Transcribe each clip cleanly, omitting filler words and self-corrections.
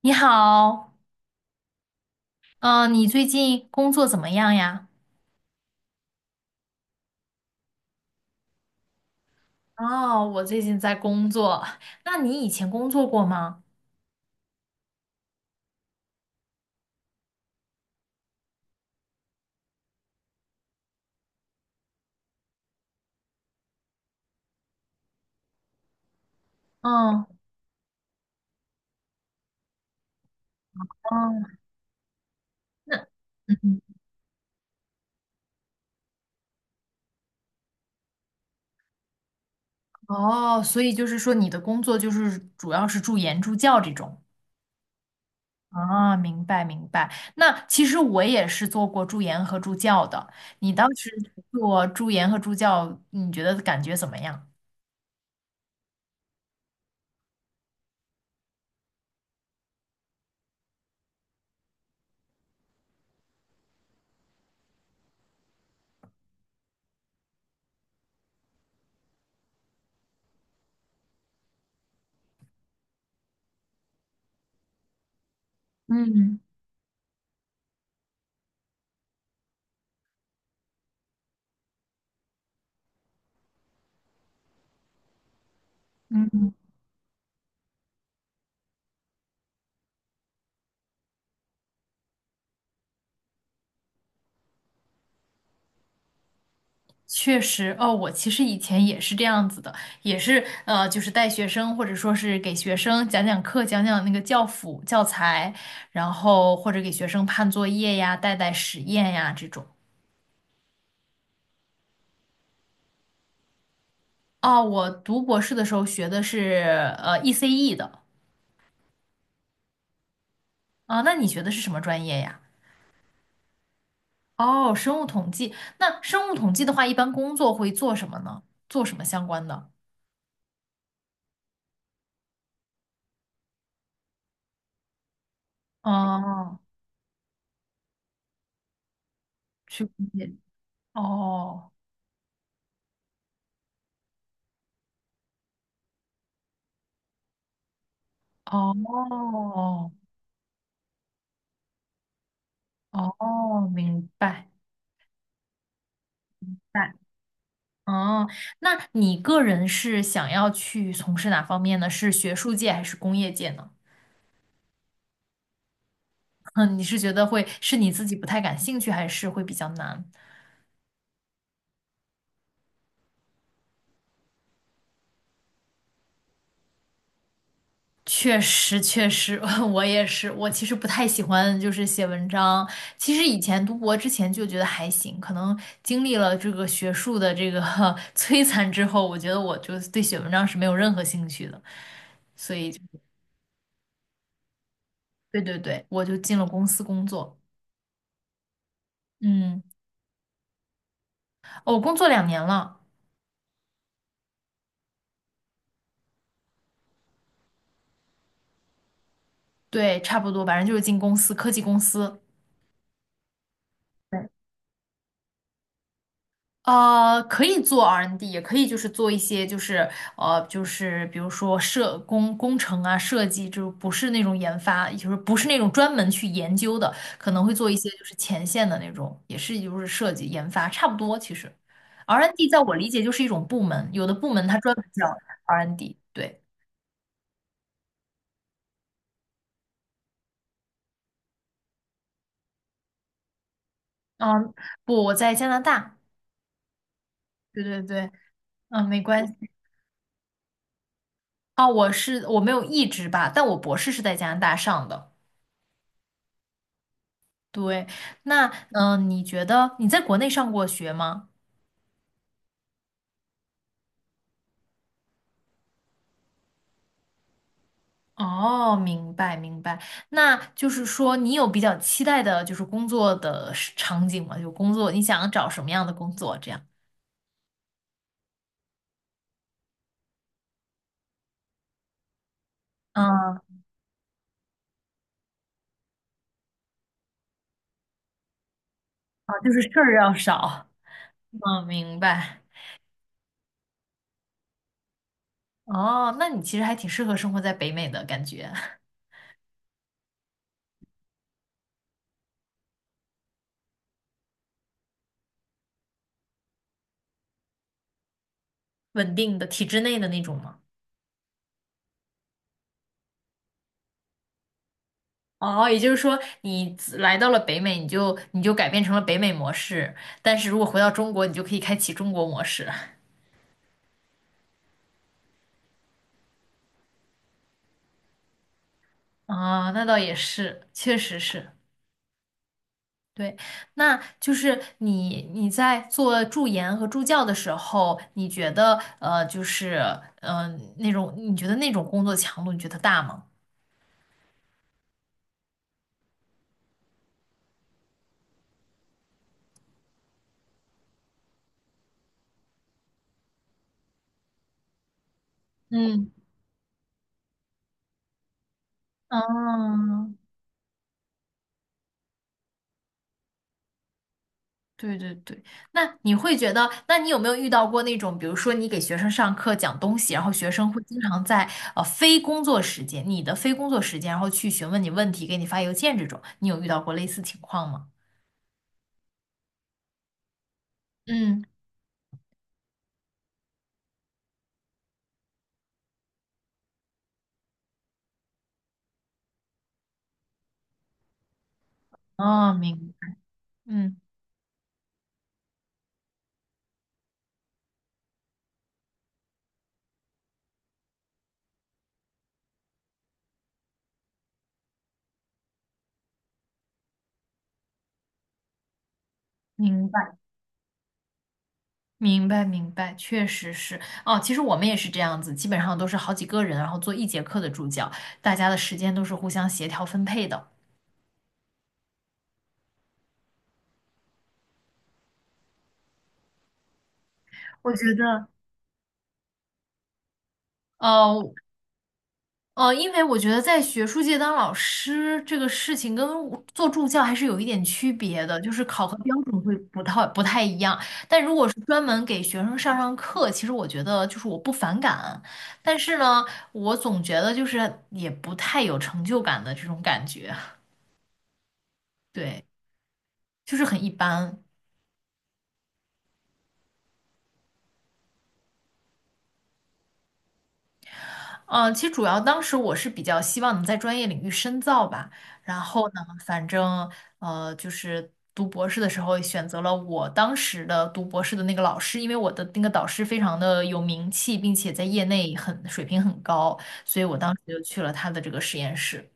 你好，嗯、你最近工作怎么样呀？哦，我最近在工作。那你以前工作过吗？嗯，嗯，那嗯，哦，所以就是说你的工作就是主要是助研助教这种。啊，明白明白。那其实我也是做过助研和助教的。你当时做助研和助教，你觉得感觉怎么样？嗯嗯。确实，哦，我其实以前也是这样子的，也是就是带学生或者说是给学生讲讲课，讲讲那个教辅教材，然后或者给学生判作业呀、带带实验呀这种。哦，我读博士的时候学的是ECE 的。啊，那你学的是什么专业呀？哦，生物统计。那生物统计的话，一般工作会做什么呢？做什么相关的？哦，去估计哦哦。哦，明白。白哦，那你个人是想要去从事哪方面呢？是学术界还是工业界呢？嗯，你是觉得会是你自己不太感兴趣，还是会比较难？确实，确实，我也是。我其实不太喜欢就是写文章。其实以前读博之前就觉得还行，可能经历了这个学术的这个 摧残之后，我觉得我就对写文章是没有任何兴趣的。所以就。对对对，我就进了公司工作。嗯，我工作2年了，对，差不多，反正就是进公司，科技公司。对，可以做 R&D，N 也可以就是做一些就是比如说设工工程啊设计，就是不是那种研发，就是不是那种专门去研究的，可能会做一些就是前线的那种，也是就是设计研发差不多。其实 R&D N 在我理解就是一种部门，有的部门它专门叫 R&D N。对，嗯，不，我在加拿大，对对对，嗯，没关系。啊，我没有一直吧，但我博士是在加拿大上的。对，那你觉得你在国内上过学吗？哦，明白明白。那就是说，你有比较期待的，就是工作的是场景吗？就工作，你想找什么样的工作？这样，嗯，啊，就是事儿要少。嗯，明白。哦，那你其实还挺适合生活在北美的感觉，稳定的体制内的那种吗？哦，也就是说，你自来到了北美，你就改变成了北美模式，但是如果回到中国，你就可以开启中国模式。啊，那倒也是，确实是，对。那就是你在做助研和助教的时候，你觉得就是那种你觉得那种工作强度，你觉得大吗？嗯。嗯对对对，那你会觉得，那你有没有遇到过那种，比如说你给学生上课讲东西，然后学生会经常在非工作时间，你的非工作时间，然后去询问你问题，给你发邮件这种，你有遇到过类似情况吗？嗯，哦，嗯，明白，明白，明白，确实是。哦，其实我们也是这样子，基本上都是好几个人，然后做一节课的助教，大家的时间都是互相协调分配的。我觉得，呃，因为我觉得在学术界当老师这个事情跟做助教还是有一点区别的，就是考核标准会不太一样。但如果是专门给学生上上课，其实我觉得就是我不反感，但是呢，我总觉得就是也不太有成就感的这种感觉，对，就是很一般。嗯，其实主要当时我是比较希望能在专业领域深造吧，然后呢，反正就是读博士的时候选择了我当时的读博士的那个老师，因为我的那个导师非常的有名气，并且在业内很水平很高，所以我当时就去了他的这个实验室。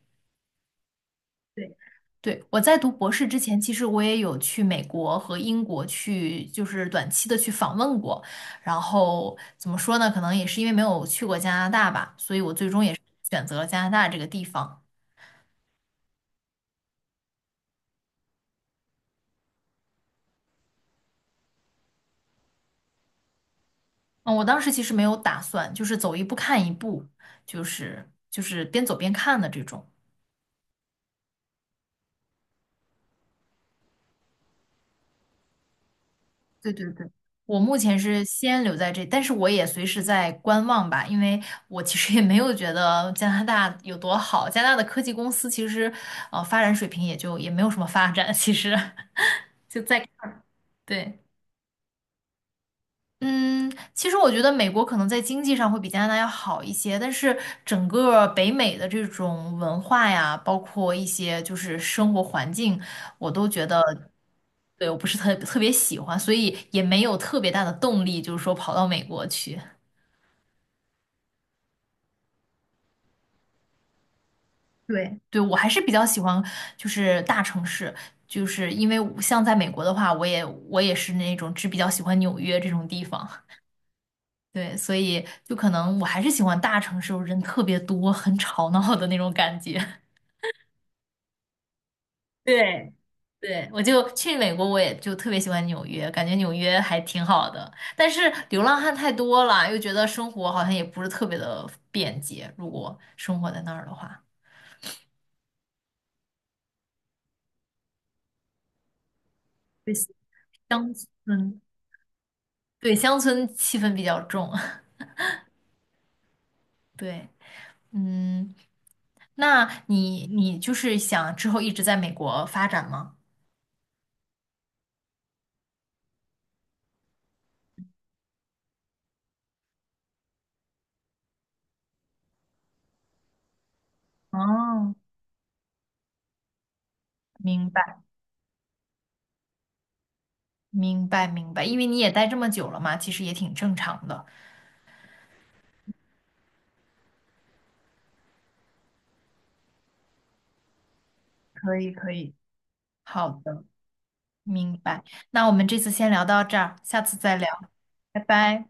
对，对，我在读博士之前，其实我也有去美国和英国去，就是短期的去访问过。然后怎么说呢？可能也是因为没有去过加拿大吧，所以我最终也是选择了加拿大这个地方。嗯，我当时其实没有打算，就是走一步看一步，就是边走边看的这种。对对对，我目前是先留在这，但是我也随时在观望吧，因为我其实也没有觉得加拿大有多好，加拿大的科技公司其实，发展水平也就也没有什么发展，其实 就在对。嗯，其实我觉得美国可能在经济上会比加拿大要好一些，但是整个北美的这种文化呀，包括一些就是生活环境，我都觉得，对，我不是特别喜欢，所以也没有特别大的动力，就是说跑到美国去。对，对，我还是比较喜欢就是大城市，就是因为我像在美国的话，我也是那种只比较喜欢纽约这种地方。对，所以就可能我还是喜欢大城市，人特别多，很吵闹的那种感觉。对，对，我就去美国，我也就特别喜欢纽约，感觉纽约还挺好的。但是流浪汉太多了，又觉得生活好像也不是特别的便捷。如果生活在那儿的话，对乡村，对，乡村气氛比较重。对，嗯，那你就是想之后一直在美国发展吗？哦，明白。明白明白，因为你也待这么久了嘛，其实也挺正常的。可以可以，好的，明白。那我们这次先聊到这儿，下次再聊，拜拜。